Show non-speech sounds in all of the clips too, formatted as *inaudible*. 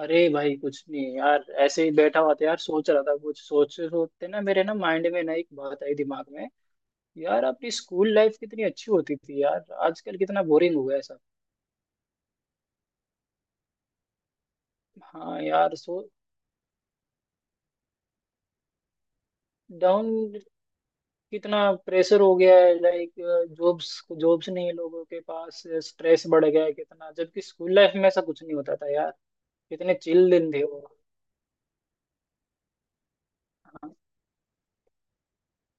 अरे भाई कुछ नहीं यार, ऐसे ही बैठा हुआ था यार। सोच रहा था कुछ सोचते सोचते ना मेरे ना माइंड में ना एक बात आई दिमाग में। यार अपनी स्कूल लाइफ कितनी अच्छी होती थी यार, आजकल कितना बोरिंग हो गया है सब। हाँ यार, सो डाउन कितना प्रेशर हो गया है, लाइक जॉब्स जॉब्स नहीं है लोगों के पास। स्ट्रेस बढ़ गया है कितना, जबकि स्कूल लाइफ में ऐसा कुछ नहीं होता था यार। कितने चिल दिन थे वो। हाँ,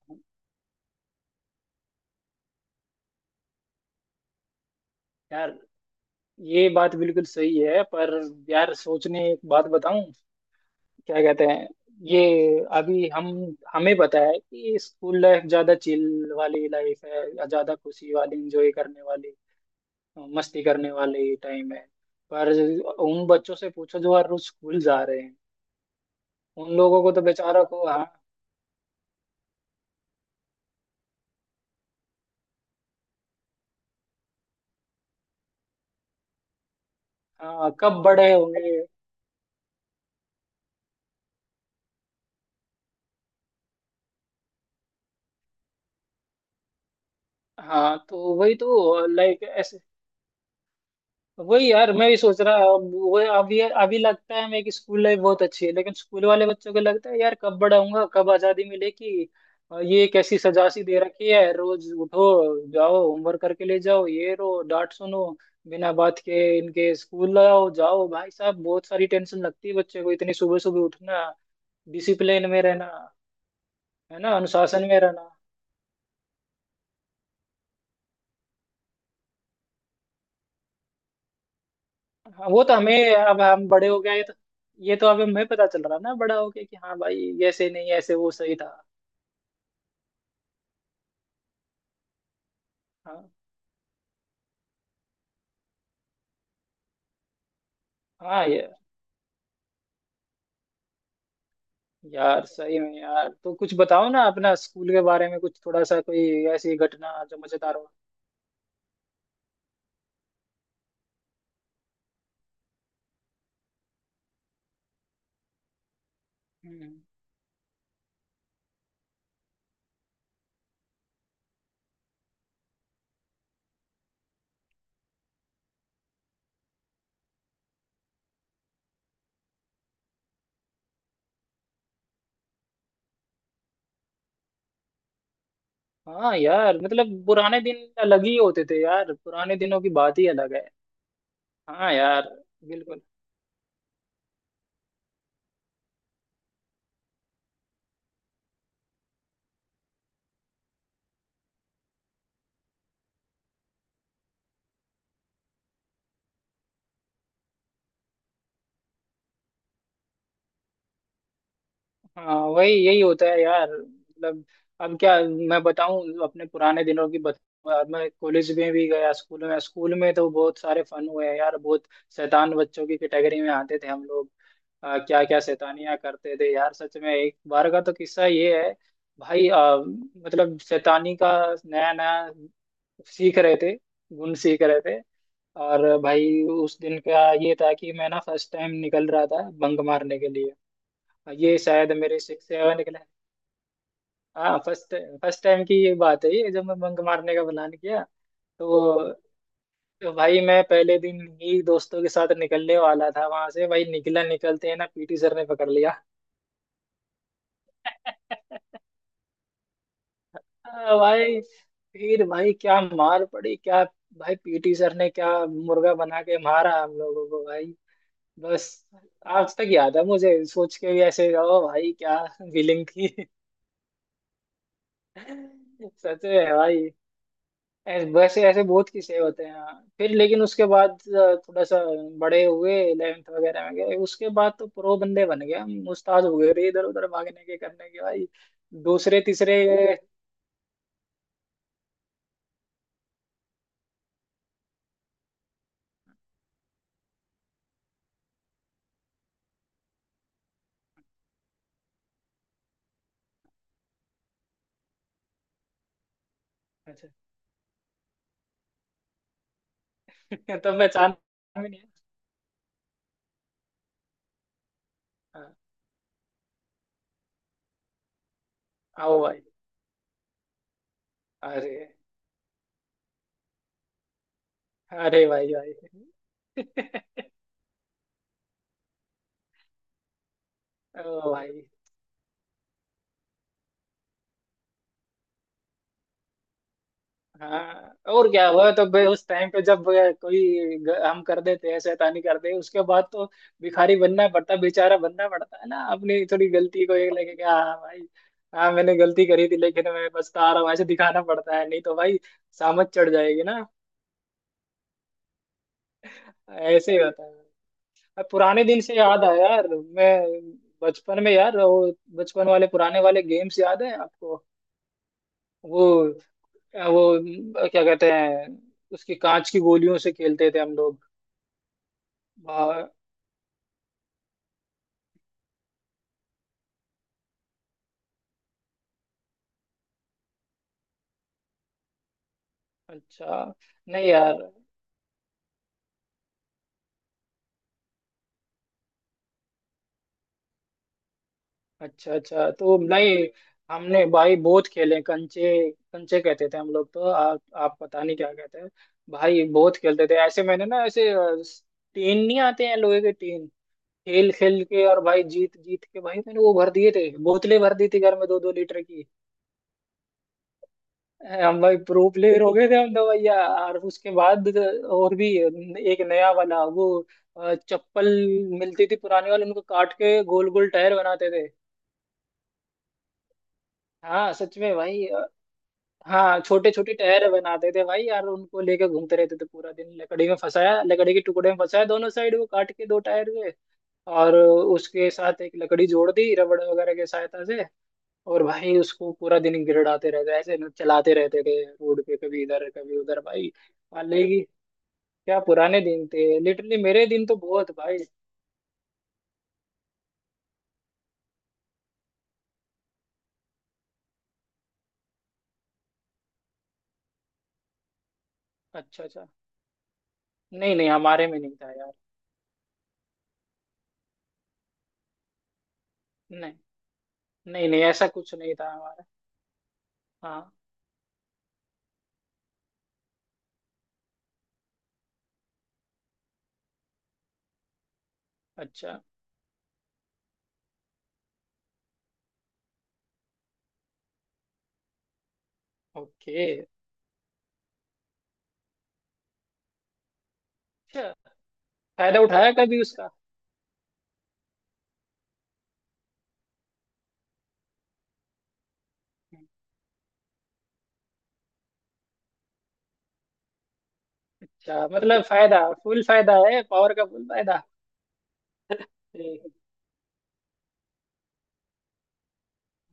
हाँ, यार ये बात बिल्कुल सही है, पर यार सोचने एक बात बताऊं, क्या कहते हैं ये। अभी हम हमें पता है कि स्कूल लाइफ ज्यादा चिल वाली लाइफ है या ज्यादा खुशी वाली, इंजॉय करने वाली, मस्ती करने वाली टाइम है। पर उन बच्चों से पूछो जो हर रोज स्कूल जा रहे हैं। उन लोगों को तो बेचारों को, हाँ। हाँ, कब बड़े होंगे। हाँ तो वही तो, लाइक वही यार, मैं भी सोच रहा। अब वो अभी अभी लगता है मेरी कि स्कूल लाइफ बहुत अच्छी है, लेकिन स्कूल वाले बच्चों को लगता है यार कब बड़ा होऊंगा, कब आजादी मिलेगी। और ये कैसी सजा सी दे रखी है, रोज उठो, जाओ, होमवर्क करके ले जाओ, ये रो, डांट सुनो बिना बात के इनके, स्कूल लाओ जाओ भाई साहब, बहुत सारी टेंशन लगती है बच्चे को, इतनी सुबह सुबह उठना, डिसिप्लिन में रहना, है ना, अनुशासन में रहना। हाँ, वो तो हमें अब हम बड़े हो गए तो ये तो अब हमें पता चल रहा ना, बड़ा हो गया कि हाँ भाई, ऐसे नहीं ऐसे वो सही था। हाँ। हाँ ये यार, सही में यार। तो कुछ बताओ ना अपना स्कूल के बारे में, कुछ थोड़ा सा कोई ऐसी घटना जो मजेदार हो। हम्म। हाँ यार मतलब पुराने दिन अलग ही होते थे यार, पुराने दिनों की बात ही अलग है। हाँ यार। बिल्कुल। हाँ वही, यही होता है यार मतलब। अब क्या मैं बताऊं अपने पुराने दिनों की मैं कॉलेज में भी गया। स्कूल में तो बहुत सारे फन हुए हैं यार, बहुत। शैतान बच्चों की कैटेगरी में आते थे हम लोग। क्या क्या शैतानियां करते थे यार सच में। एक बार का तो किस्सा ये है, भाई मतलब शैतानी का नया नया सीख रहे थे, गुण सीख रहे थे। और भाई उस दिन का ये था कि मैं ना फर्स्ट टाइम निकल रहा था बंक मारने के लिए। ये शायद मेरे सिक्स सेवन निकला है। हाँ, फर्स्ट फर्स्ट टाइम की ये बात है, ये जब मैं बंक मारने का प्लान किया। तो, तो भाई मैं पहले दिन ही दोस्तों के साथ निकलने वाला था वहां से, भाई निकला, निकलते है ना, पीटी सर ने पकड़ लिया। *laughs* भाई, फिर भाई क्या मार पड़ी क्या। भाई पीटी सर ने क्या मुर्गा बना के मारा हम लोगों को भाई। बस, आज तक याद है मुझे, सोच के भी ऐसे ओ भाई क्या फीलिंग थी। *laughs* सच में भाई। ऐसे वैसे ऐसे बहुत किस्से होते हैं। फिर लेकिन उसके बाद थोड़ा सा बड़े हुए, इलेवेंथ वगैरह में गए, उसके बाद तो प्रो बंदे बन गए हम, उस्ताद हो गए रे, इधर उधर भागने के, करने के भाई, दूसरे तीसरे। अच्छा। *laughs* तो पहचान में नहीं है। आओ भाई। अरे, अरे भाई भाई। *laughs* ओ भाई, हाँ और क्या हुआ। तो बे उस टाइम पे जब कोई हम कर देते हैं शैतानी करते हैं उसके बाद तो भिखारी बनना पड़ता, बेचारा बनना पड़ता है ना, अपनी थोड़ी गलती को ये लगे कि हाँ भाई, हाँ मैंने गलती करी थी लेकिन मैं पछता रहा हूँ, ऐसे दिखाना पड़ता है, नहीं तो भाई सामत चढ़ जाएगी ना। ऐसे ही होता है। अब पुराने दिन से याद आया यार। मैं बचपन में यार, वो बचपन वाले पुराने वाले गेम्स याद है आपको। वो वो क्या कहते हैं, उसकी कांच की गोलियों से खेलते थे हम लोग। बा- अच्छा। नहीं यार। अच्छा अच्छा, तो नहीं। हमने भाई बहुत खेले, कंचे कंचे कहते थे हम लोग, तो आप पता नहीं क्या कहते हैं। भाई बहुत खेलते थे ऐसे। मैंने ना ऐसे टीन नहीं आते हैं लोहे के टीन, खेल खेल के और भाई जीत जीत के, भाई मैंने वो भर दिए थे, बोतलें भर दी थी घर में 2-2 लीटर की। हम भाई प्रो प्लेयर हो गए थे हम तो भैया। और उसके बाद और भी एक नया वाला, वो चप्पल मिलती थी पुराने वाले, उनको काट के गोल गोल टायर बनाते थे। हाँ सच में भाई। हाँ छोटे छोटे टायर बनाते थे भाई यार, उनको लेके घूमते रहते थे पूरा दिन। लकड़ी में फंसाया, लकड़ी के टुकड़े में फंसाया दोनों साइड, वो काट के दो टायर हुए और उसके साथ एक लकड़ी जोड़ दी रबड़ वगैरह की सहायता से। और भाई उसको पूरा दिन गिरडाते रहते, ऐसे चलाते रहते थे रोड पे, कभी इधर कभी उधर भाई वाले। क्या पुराने दिन थे, लिटरली मेरे दिन तो बहुत भाई। अच्छा अच्छा। नहीं नहीं हमारे में नहीं था यार। नहीं। नहीं नहीं ऐसा कुछ नहीं था हमारा। हाँ। अच्छा। ओके। अच्छा, फायदा उठाया कभी उसका। अच्छा मतलब फायदा, फुल फायदा है, पावर का फुल फायदा। *laughs* ठीक,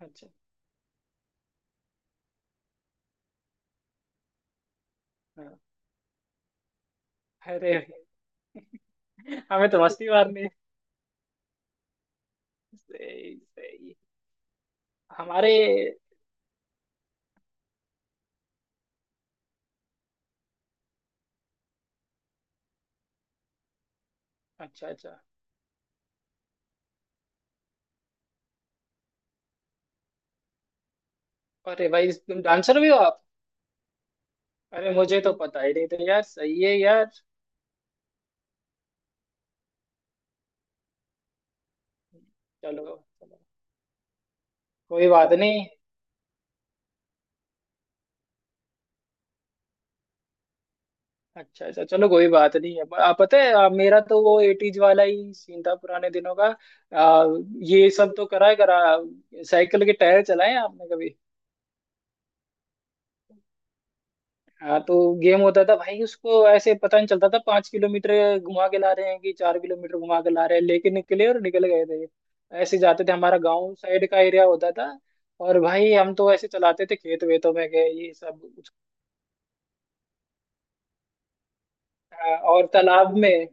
अच्छा। हाँ। अरे *laughs* हमें तो मस्ती मारनी है। सही सही। हमारे। अच्छा अच्छा, अरे भाई तुम डांसर भी हो आप। अरे मुझे तो पता ही नहीं था यार, सही है यार। चलो। कोई बात नहीं। अच्छा अच्छा, चलो कोई बात नहीं है। आप पता है मेरा तो वो एटीज वाला ही सीन था पुराने दिनों का। आ, ये सब तो करा है, करा। साइकिल के टायर चलाए हैं आपने कभी। हाँ, तो गेम होता था भाई उसको ऐसे, पता नहीं चलता था 5 किलोमीटर घुमा के ला रहे हैं कि 4 किलोमीटर घुमा के ला रहे हैं, लेके निकले और निकल गए थे। ऐसे जाते थे, हमारा गांव साइड का एरिया होता था, और भाई हम तो ऐसे चलाते थे खेत वेतों में गए ये सब कुछ, और तालाब में।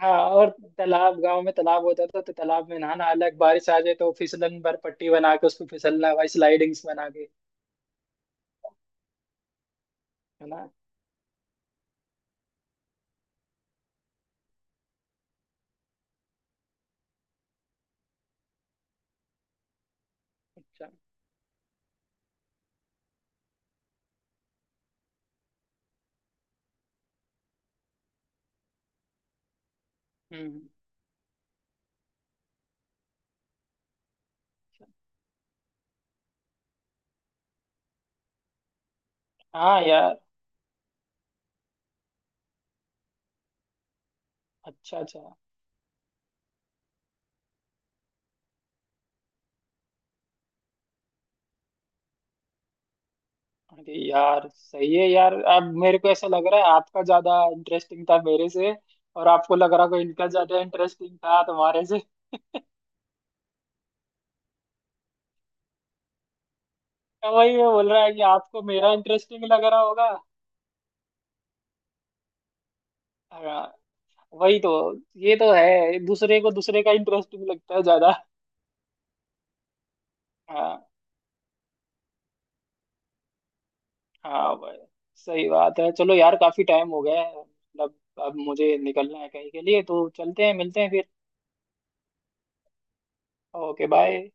हाँ और तालाब, गांव में तालाब होता था तो तालाब में नहाना अलग, बारिश आ जाए तो फिसलन पर पट्टी बना के उसको फिसलना भाई, स्लाइडिंग्स बना के। है ना। अच्छा। हम्म। हाँ यार। अच्छा अच्छा। अरे यार सही है यार, अब मेरे को ऐसा लग रहा है आपका ज्यादा इंटरेस्टिंग था मेरे से, और आपको लग रहा को इनका ज्यादा इंटरेस्टिंग था तुम्हारे से। तो वही मैं बोल रहा है कि आपको मेरा इंटरेस्टिंग लग रहा होगा। हाँ वही तो। ये तो है, दूसरे को दूसरे का इंटरेस्टिंग लगता है ज्यादा। हाँ। हाँ भाई, सही बात है। चलो यार काफी टाइम हो गया है मतलब, अब मुझे निकलना है कहीं के लिए, तो चलते हैं, मिलते हैं फिर। Okay bye.